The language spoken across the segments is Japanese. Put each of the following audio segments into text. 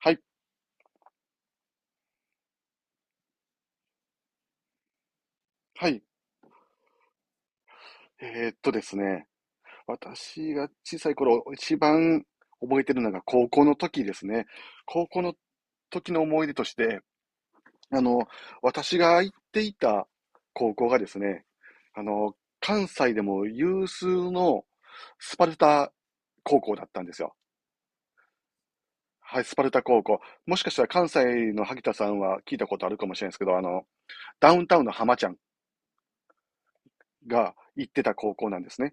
はい、はい。ですね、私が小さい頃、一番覚えてるのが高校の時ですね。高校の時の思い出として、あの、私が行っていた高校がですね、あの、関西でも有数のスパルタ高校だったんですよ。はい、スパルタ高校。もしかしたら関西の萩田さんは聞いたことあるかもしれないですけど、ダウンタウンの浜ちゃんが行ってた高校なんですね。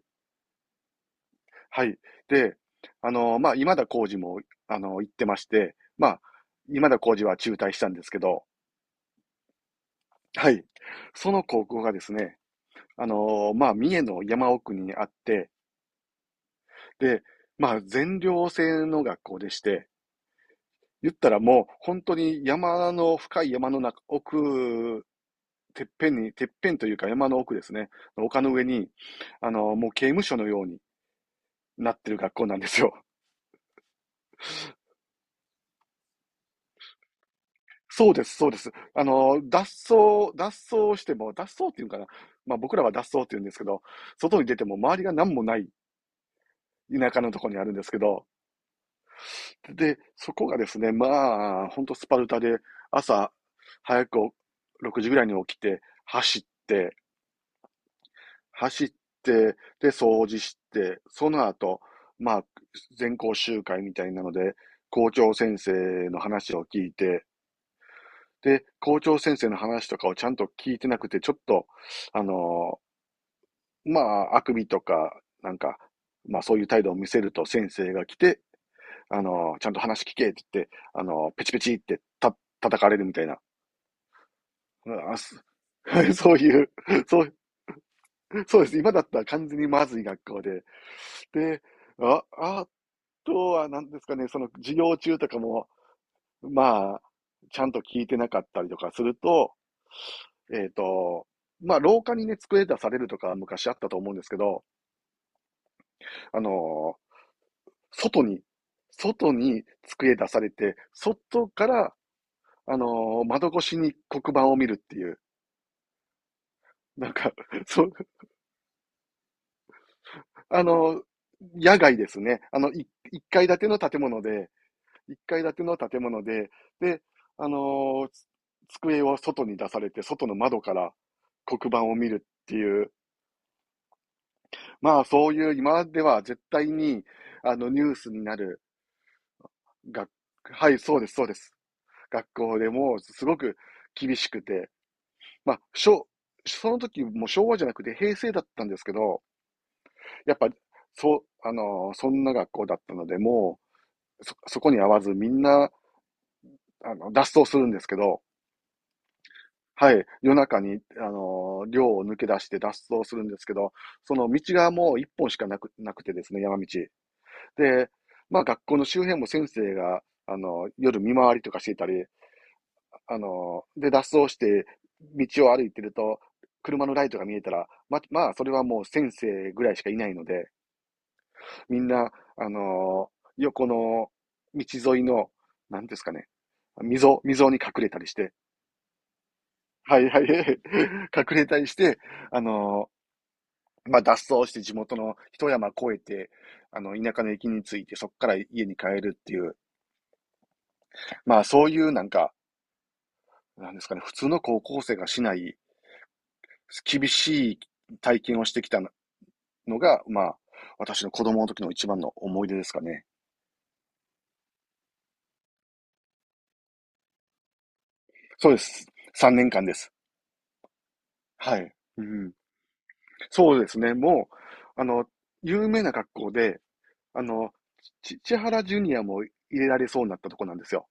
はい。で、今田耕司も、行ってまして、まあ、今田耕司は中退したんですけど、はい。その高校がですね、まあ、三重の山奥にあって、で、まあ、全寮制の学校でして、言ったらもう、本当に山の、深い山の中、奥、てっぺんに、てっぺんというか山の奥ですね、丘の上に、もう刑務所のようになってる学校なんですよ。そうです、そうです。脱走しても、脱走っていうのかな。まあ僕らは脱走って言うんですけど、外に出ても周りが何もない田舎のところにあるんですけど、で、そこがですね、まあ、ほんとスパルタで、朝早く6時ぐらいに起きて、走って、走っで、掃除して、その後、まあ、全校集会みたいなので、校長先生の話を聞いて、で、校長先生の話とかをちゃんと聞いてなくて、ちょっと、あのまあ、あくびとか、なんか、まあ、そういう態度を見せると先生が来て、ちゃんと話聞けって言って、あのーペチペチってた、叩かれるみたいな。そういう、そう、そうです。今だったら完全にまずい学校で。で、あとは何ですかね、その授業中とかも、まあ、ちゃんと聞いてなかったりとかすると、えっと、まあ、廊下にね、机出されるとか昔あったと思うんですけど、あのー外に、外に机出されて、外から、窓越しに黒板を見るっていう、なんか、そう、あのー野外ですね。あの、一階建ての建物で、一階建ての建物で、で、あのー机を外に出されて、外の窓から黒板を見るっていう、まあ、そういう今までは絶対に、ニュースになる、が、はい、そうです、そうです。学校でもすごく厳しくて、まあ、昭その時も昭和じゃなくて平成だったんですけど、やっぱ、そう、あの、そんな学校だったので、もう、そ、そこに合わずみんな、脱走するんですけど、はい、夜中に、寮を抜け出して脱走するんですけど、その道がもう一本しかなく、なくてですね、山道。で、まあ学校の周辺も先生が、夜見回りとかしていたり、で、脱走して、道を歩いてると、車のライトが見えたら、まあ、それはもう先生ぐらいしかいないので、みんな、あの、横の道沿いの、なんですかね、溝に隠れたりして、はいはい、隠れたりして、あの、まあ、脱走して地元の一山越えて、田舎の駅に着いて、そこから家に帰るっていう、まあ、そういうなんか、なんですかね、普通の高校生がしない、厳しい体験をしてきたのが、まあ、私の子供の時の一番の思い出ですかね。そうです。3年間です。はい。うん、そうですね。もう、あの、有名な学校で、あの、千原ジュニアも入れられそうになったとこなんですよ。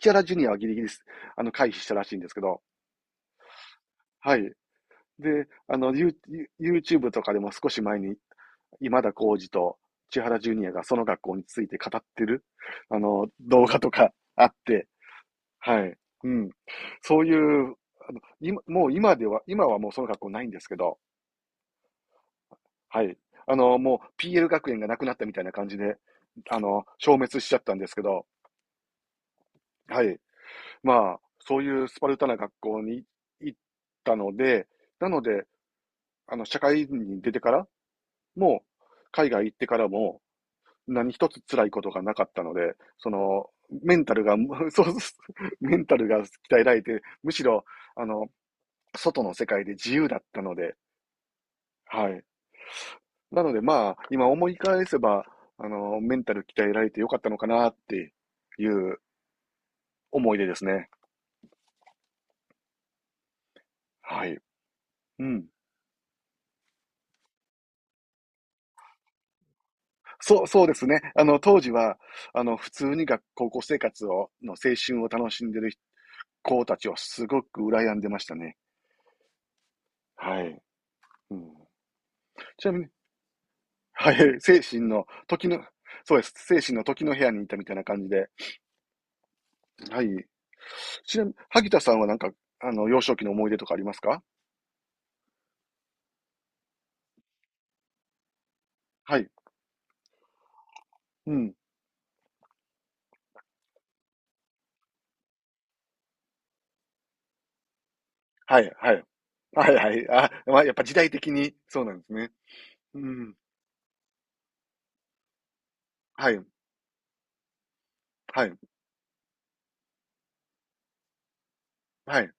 千原ジュニアはギリギリ回避したらしいんですけど、はい。で、あの、ユーチュー YouTube とかでも少し前に、今田耕司と千原ジュニアがその学校について語ってる、動画とかあって、はい。うん。そういう、あの、今もう今では今はもうその学校ないんですけど、はい。もう PL 学園がなくなったみたいな感じで、消滅しちゃったんですけど、はい。まあ、そういうスパルタな学校に行ったので、なので、社会人に出てからも、海外行ってからも、何一つ辛いことがなかったので、メンタルが、そう、メンタルが鍛えられて、むしろ、あの、外の世界で自由だったので、はい。なのでまあ、今思い返せば、メンタル鍛えられてよかったのかなっていう思い出ですね。はい。うん。そうですね。当時は、普通に高校生活を、の青春を楽しんでる子たちをすごく羨んでましたね。はい。うん、ちなみに、はい、精神の時の、そうです。精神の時の部屋にいたみたいな感じで。はい。ちなみに、萩田さんはなんか、幼少期の思い出とかありますか？はい。うん。はい、はい。はい、はい。あ、まあ、やっぱ時代的にそうなんですね。うん。はい。はい。はい。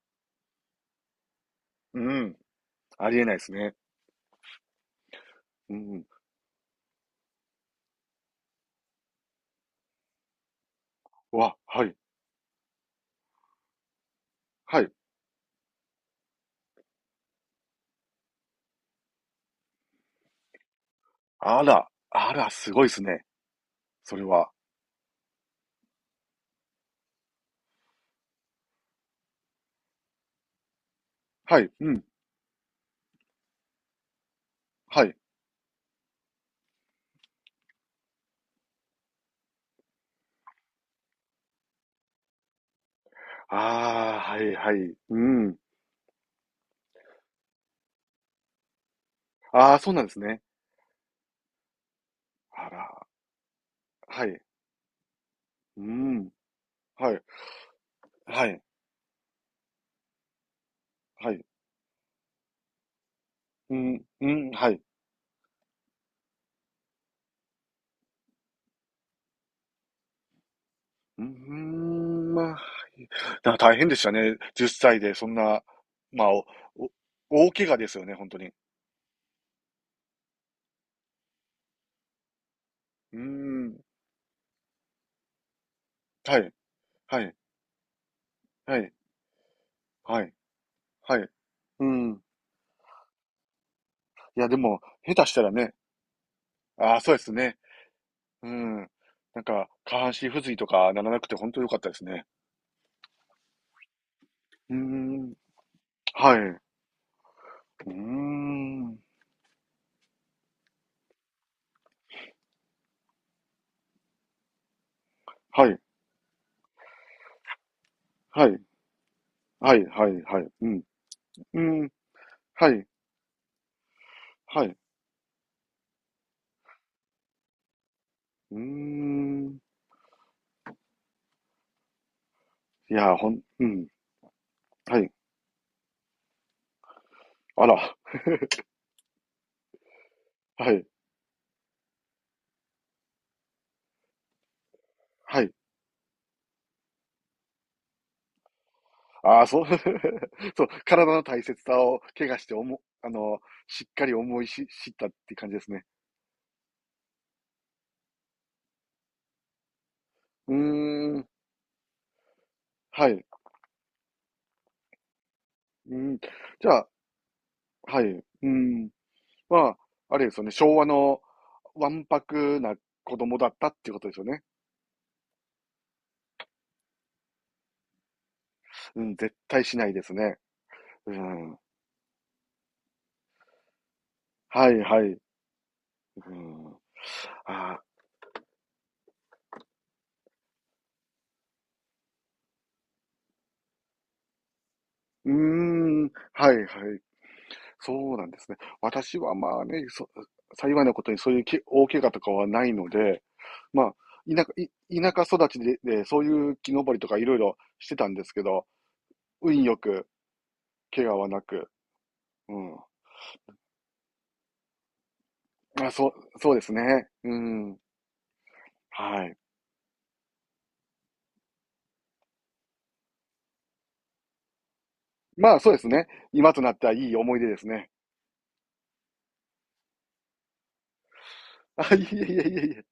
うん。ありえないですね。うん。うわ、はい。はい。あら。あら、すごいですね。それは。はい。うん。はい。ああ、はいはい。うん。ああ、そうなんですね。あら。はい。うん。はい。はい。はい。うん、うん、はい。うーん、まあ。だから大変でしたね。10歳で、そんな、まあ、大怪我ですよね、本当に。うーん。はい、はい、はい、はい、はい。うん。いや、でも、下手したらね、ああ、そうですね。うん。なんか、下半身不随とかならなくて、本当良かったですね。うーん。はい。うーん。はい、はい、はい、はい、はい。うん。うん。はい、はい。うーん。うん。はい。あら。はい、はい。ああ、そう、そう、体の大切さを怪我しておも、あの、しっかり思いし、知ったって感じですね。うーん、はい。うん、じゃあ、はい、うん、まあ、あれですよね、昭和のわんぱくな子供だったっていうことですよね。うん、絶対しないですね。うん、はいはい。うん、あーはいはい。そうなんですね。私はまあね、幸いなことにそういう大怪我とかはないので、まあ、田舎、田舎育ちで、で、そういう木登りとかいろいろしてたんですけど、運よく怪我はなく、うん。まあ、そう、そうですね。うん。はい。まあ、そうですね。今となってはいい思い出ですね。あ、いえいえいえいえ。